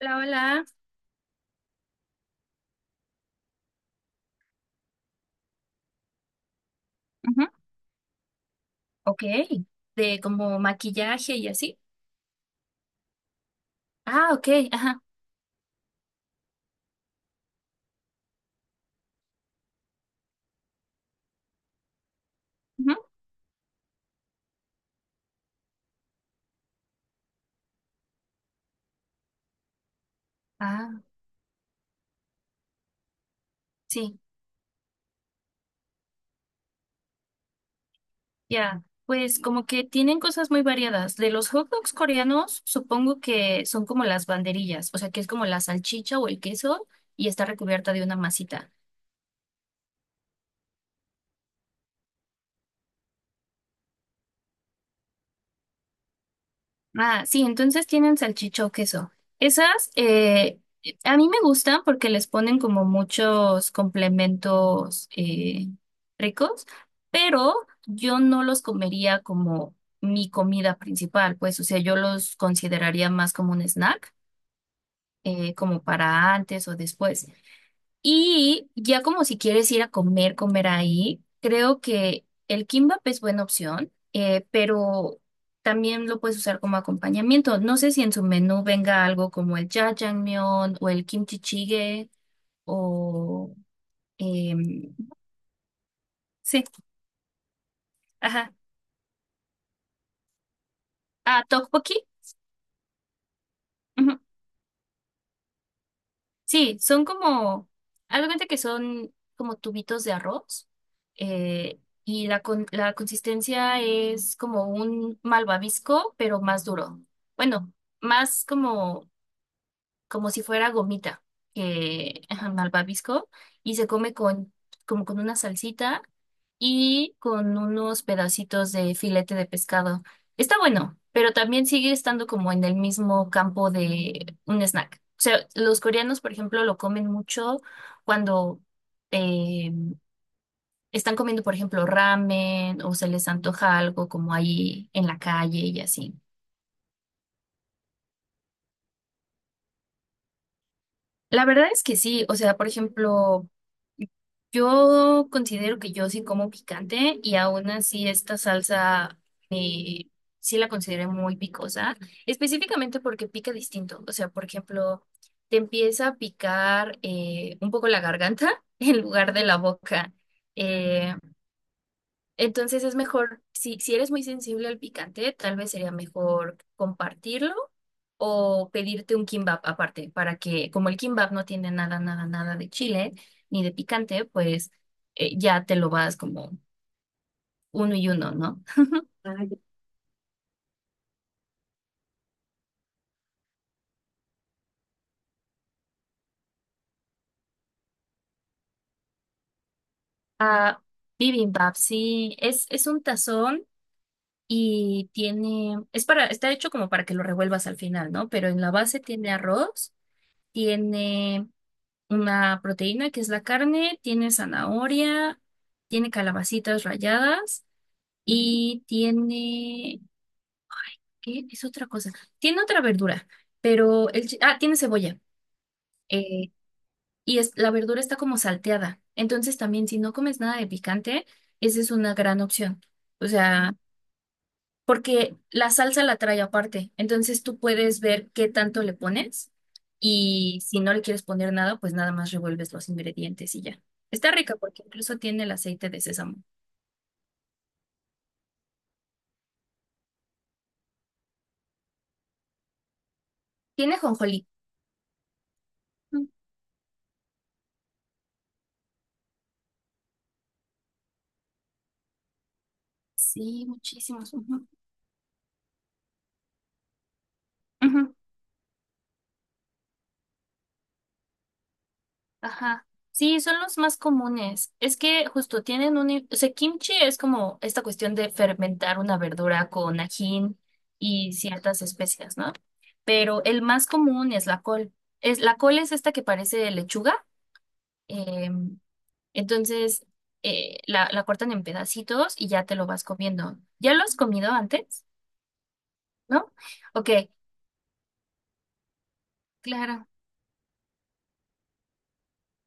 Hola, hola. Ujú. Ok. De como maquillaje y así. Ah, ok. Ajá. Ujú. Ah, sí. Ya. Pues como que tienen cosas muy variadas. De los hot dogs coreanos, supongo que son como las banderillas, o sea, que es como la salchicha o el queso y está recubierta de una masita. Ah, sí, entonces tienen salchicha o queso. Esas a mí me gustan porque les ponen como muchos complementos ricos, pero yo no los comería como mi comida principal, pues, o sea, yo los consideraría más como un snack, como para antes o después. Y ya como si quieres ir a comer, comer ahí, creo que el kimbap es buena opción, pero también lo puedes usar como acompañamiento. No sé si en su menú venga algo como el jajangmyeon o el kimchi jjigae o em, sí, ajá, ah, tteokbokki. Sí, son como, haz de cuenta que son como tubitos de arroz eh, y la, la consistencia es como un malvavisco, pero más duro. Bueno, más como como si fuera gomita, que ajá, malvavisco, y se come con, como con una salsita y con unos pedacitos de filete de pescado. Está bueno, pero también sigue estando como en el mismo campo de un snack. O sea, los coreanos, por ejemplo, lo comen mucho cuando eh, están comiendo, por ejemplo, ramen o se les antoja algo como ahí en la calle y así. La verdad es que sí, o sea, por ejemplo, yo considero que yo sí como picante y aún así esta salsa eh, sí la consideré muy picosa, específicamente porque pica distinto, o sea, por ejemplo, te empieza a picar un poco la garganta en lugar de la boca. eh, entonces es mejor, si, si eres muy sensible al picante, tal vez sería mejor compartirlo o pedirte un kimbap aparte, para que como el kimbap no tiene nada, nada, nada de chile ni de picante, pues ya te lo vas como uno y uno, ¿no? Ah, bibimbap, sí, es un tazón y tiene, es para, está hecho como para que lo revuelvas al final, ¿no? Pero en la base tiene arroz, tiene una proteína que es la carne, tiene zanahoria, tiene calabacitas ralladas y tiene, ¿qué es otra cosa? Tiene otra verdura, pero el, ah, tiene cebolla. eh, y es, la verdura está como salteada. Entonces también si no comes nada de picante, esa es una gran opción. O sea, porque la salsa la trae aparte. Entonces tú puedes ver qué tanto le pones y si no le quieres poner nada, pues nada más revuelves los ingredientes y ya. Está rica porque incluso tiene el aceite de sésamo. Tiene jonjolí. Mm. Sí, muchísimos. Ujú, ujú. Ajá. Sí, son los más comunes. Es que justo tienen un... O sea, kimchi es como esta cuestión de fermentar una verdura con ajín y ciertas especias, ¿no? Pero el más común es la col. Es, la col es esta que parece lechuga. eh, entonces, la, la cortan en pedacitos y ya te lo vas comiendo. ¿Ya lo has comido antes? ¿No? Ok, claro.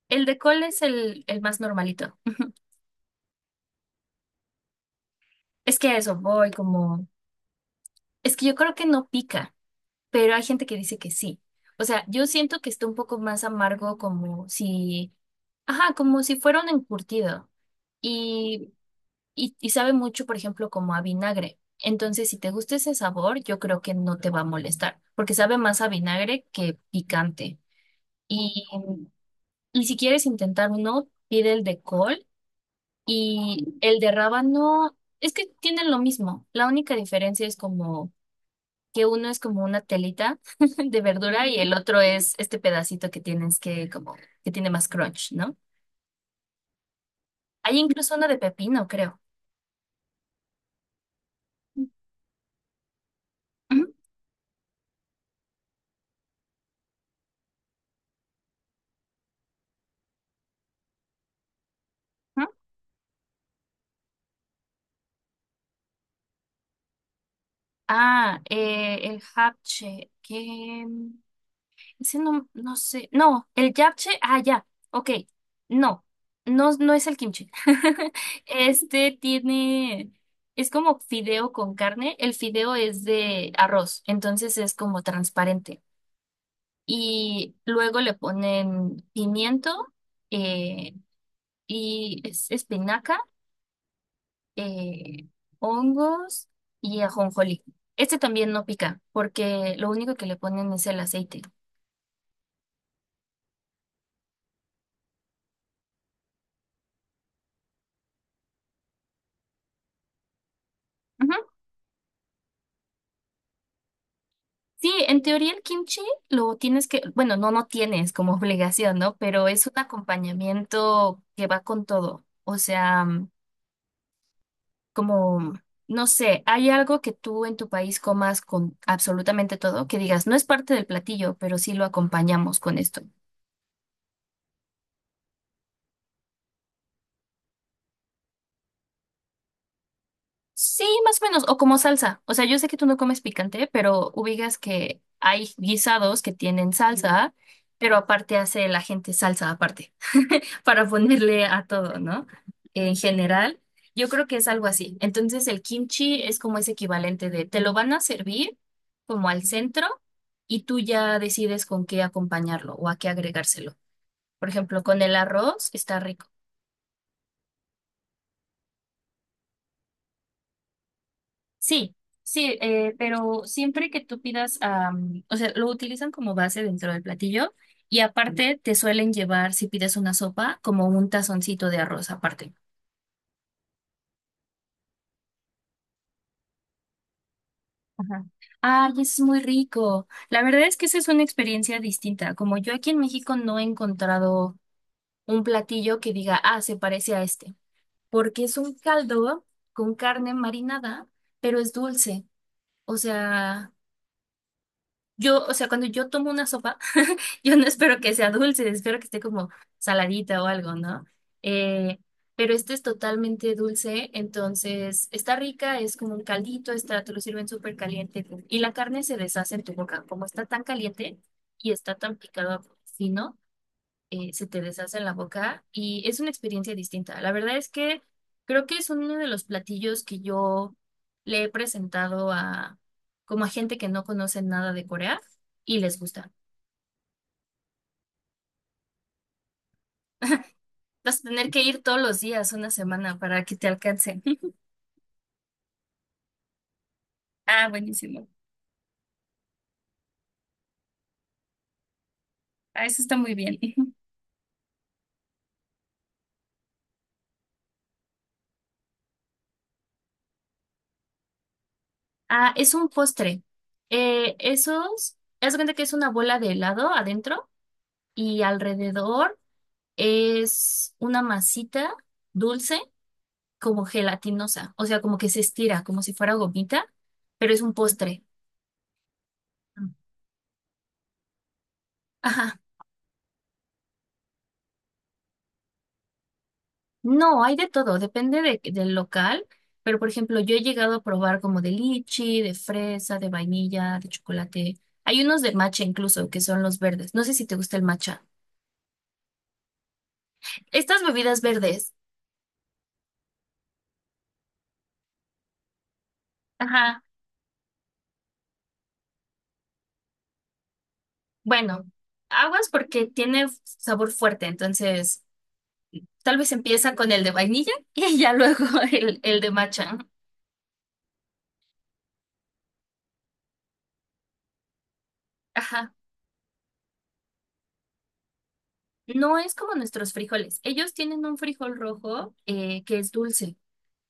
El de col es el más normalito. Es que a eso voy, como... Es que yo creo que no pica, pero hay gente que dice que sí. O sea, yo siento que está un poco más amargo como si, ajá, como si fuera un encurtido y, y sabe mucho, por ejemplo, como a vinagre. Entonces, si te gusta ese sabor, yo creo que no te va a molestar, porque sabe más a vinagre que picante. Y, y si quieres intentar uno, pide el de col y el de rábano, es que tienen lo mismo. La única diferencia es como que uno es como una telita de verdura y el otro es este pedacito que tienes que como que tiene más crunch, ¿no? Hay incluso una de pepino, creo. Ujú. Ah, el japche, que ese no, no sé, no, el japche, ah, ya, ok, no, no, no es el kimchi. Este tiene, es como fideo con carne, el fideo es de arroz, entonces es como transparente. Y luego le ponen pimiento eh, y espinaca, eh, hongos y ajonjolí. Este también no pica porque lo único que le ponen es el aceite. Ujú. Sí, en teoría el kimchi lo tienes que, bueno, no, no tienes como obligación, ¿no? Pero es un acompañamiento que va con todo. O sea, como, no sé, hay algo que tú en tu país comas con absolutamente todo, que digas, no es parte del platillo, pero sí lo acompañamos con esto. Sí, más o menos, o como salsa. O sea, yo sé que tú no comes picante, pero ubicas que hay guisados que tienen salsa, pero aparte hace la gente salsa aparte, para ponerle a todo, ¿no? En general, yo creo que es algo así. Entonces, el kimchi es como ese equivalente de te lo van a servir como al centro y tú ya decides con qué acompañarlo o a qué agregárselo. Por ejemplo, con el arroz está rico. Sí, sí, pero siempre que tú pidas, am, o sea, lo utilizan como base dentro del platillo y aparte te suelen llevar, si pides una sopa, como un tazoncito de arroz aparte. Ajá. Ay, es muy rico. La verdad es que esa es una experiencia distinta. Como yo aquí en México no he encontrado un platillo que diga, ah, se parece a este, porque es un caldo con carne marinada, pero es dulce. O sea, yo, o sea, cuando yo tomo una sopa, yo no espero que sea dulce, espero que esté como saladita o algo, ¿no? Eh, pero este es totalmente dulce, entonces está rica, es como un caldito, está, te lo sirven súper caliente y la carne se deshace en tu boca. Como está tan caliente y está tan picado fino, se te deshace en la boca y es una experiencia distinta. La verdad es que creo que es uno de los platillos que yo le he presentado a como a gente que no conoce nada de Corea y les gusta. Vas a tener que ir todos los días, una semana, para que te alcance. Ah, buenísimo. Ah, eso está muy bien. Ah, es un postre. Esos, haz de cuenta que es una bola de helado adentro y alrededor es una masita dulce, como gelatinosa. O sea, como que se estira, como si fuera gomita, pero es un postre. Mm. Ajá. No, hay de todo, depende del local, pero por ejemplo, yo he llegado a probar como de lichi, de fresa, de vainilla, de chocolate. Hay unos de matcha incluso, que son los verdes. No sé si te gusta el matcha. Estas bebidas verdes, ajá, bueno, aguas porque tiene sabor fuerte, entonces tal vez empieza con el de vainilla y ya luego el de matcha. Ajá. No es como nuestros frijoles. Ellos tienen un frijol rojo que es dulce.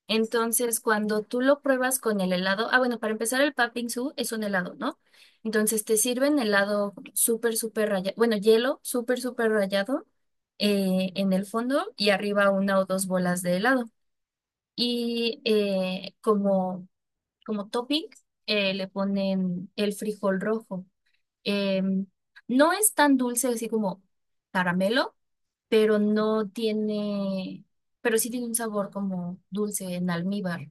Entonces, cuando tú lo pruebas con el helado, ah, bueno, para empezar, el Patbingsú es un helado, ¿no? Entonces, te sirven helado súper, súper rayado, bueno, hielo súper, súper rayado en el fondo y arriba una o dos bolas de helado. Y como, como topping, le ponen el frijol rojo. Em, no es tan dulce así como caramelo, pero no tiene, pero sí tiene un sabor como dulce en almíbar.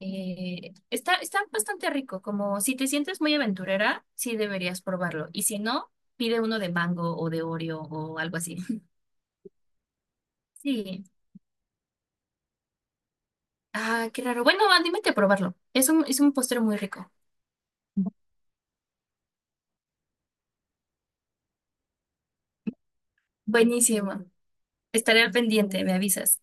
Está, está bastante rico, como si te sientes muy aventurera, sí deberías probarlo. Y si no, pide uno de mango o de Oreo o algo así. Sí. Ah, qué raro. Bueno, anímate a probarlo. Es un postre muy rico. Buenísimo. Estaré al pendiente, me avisas.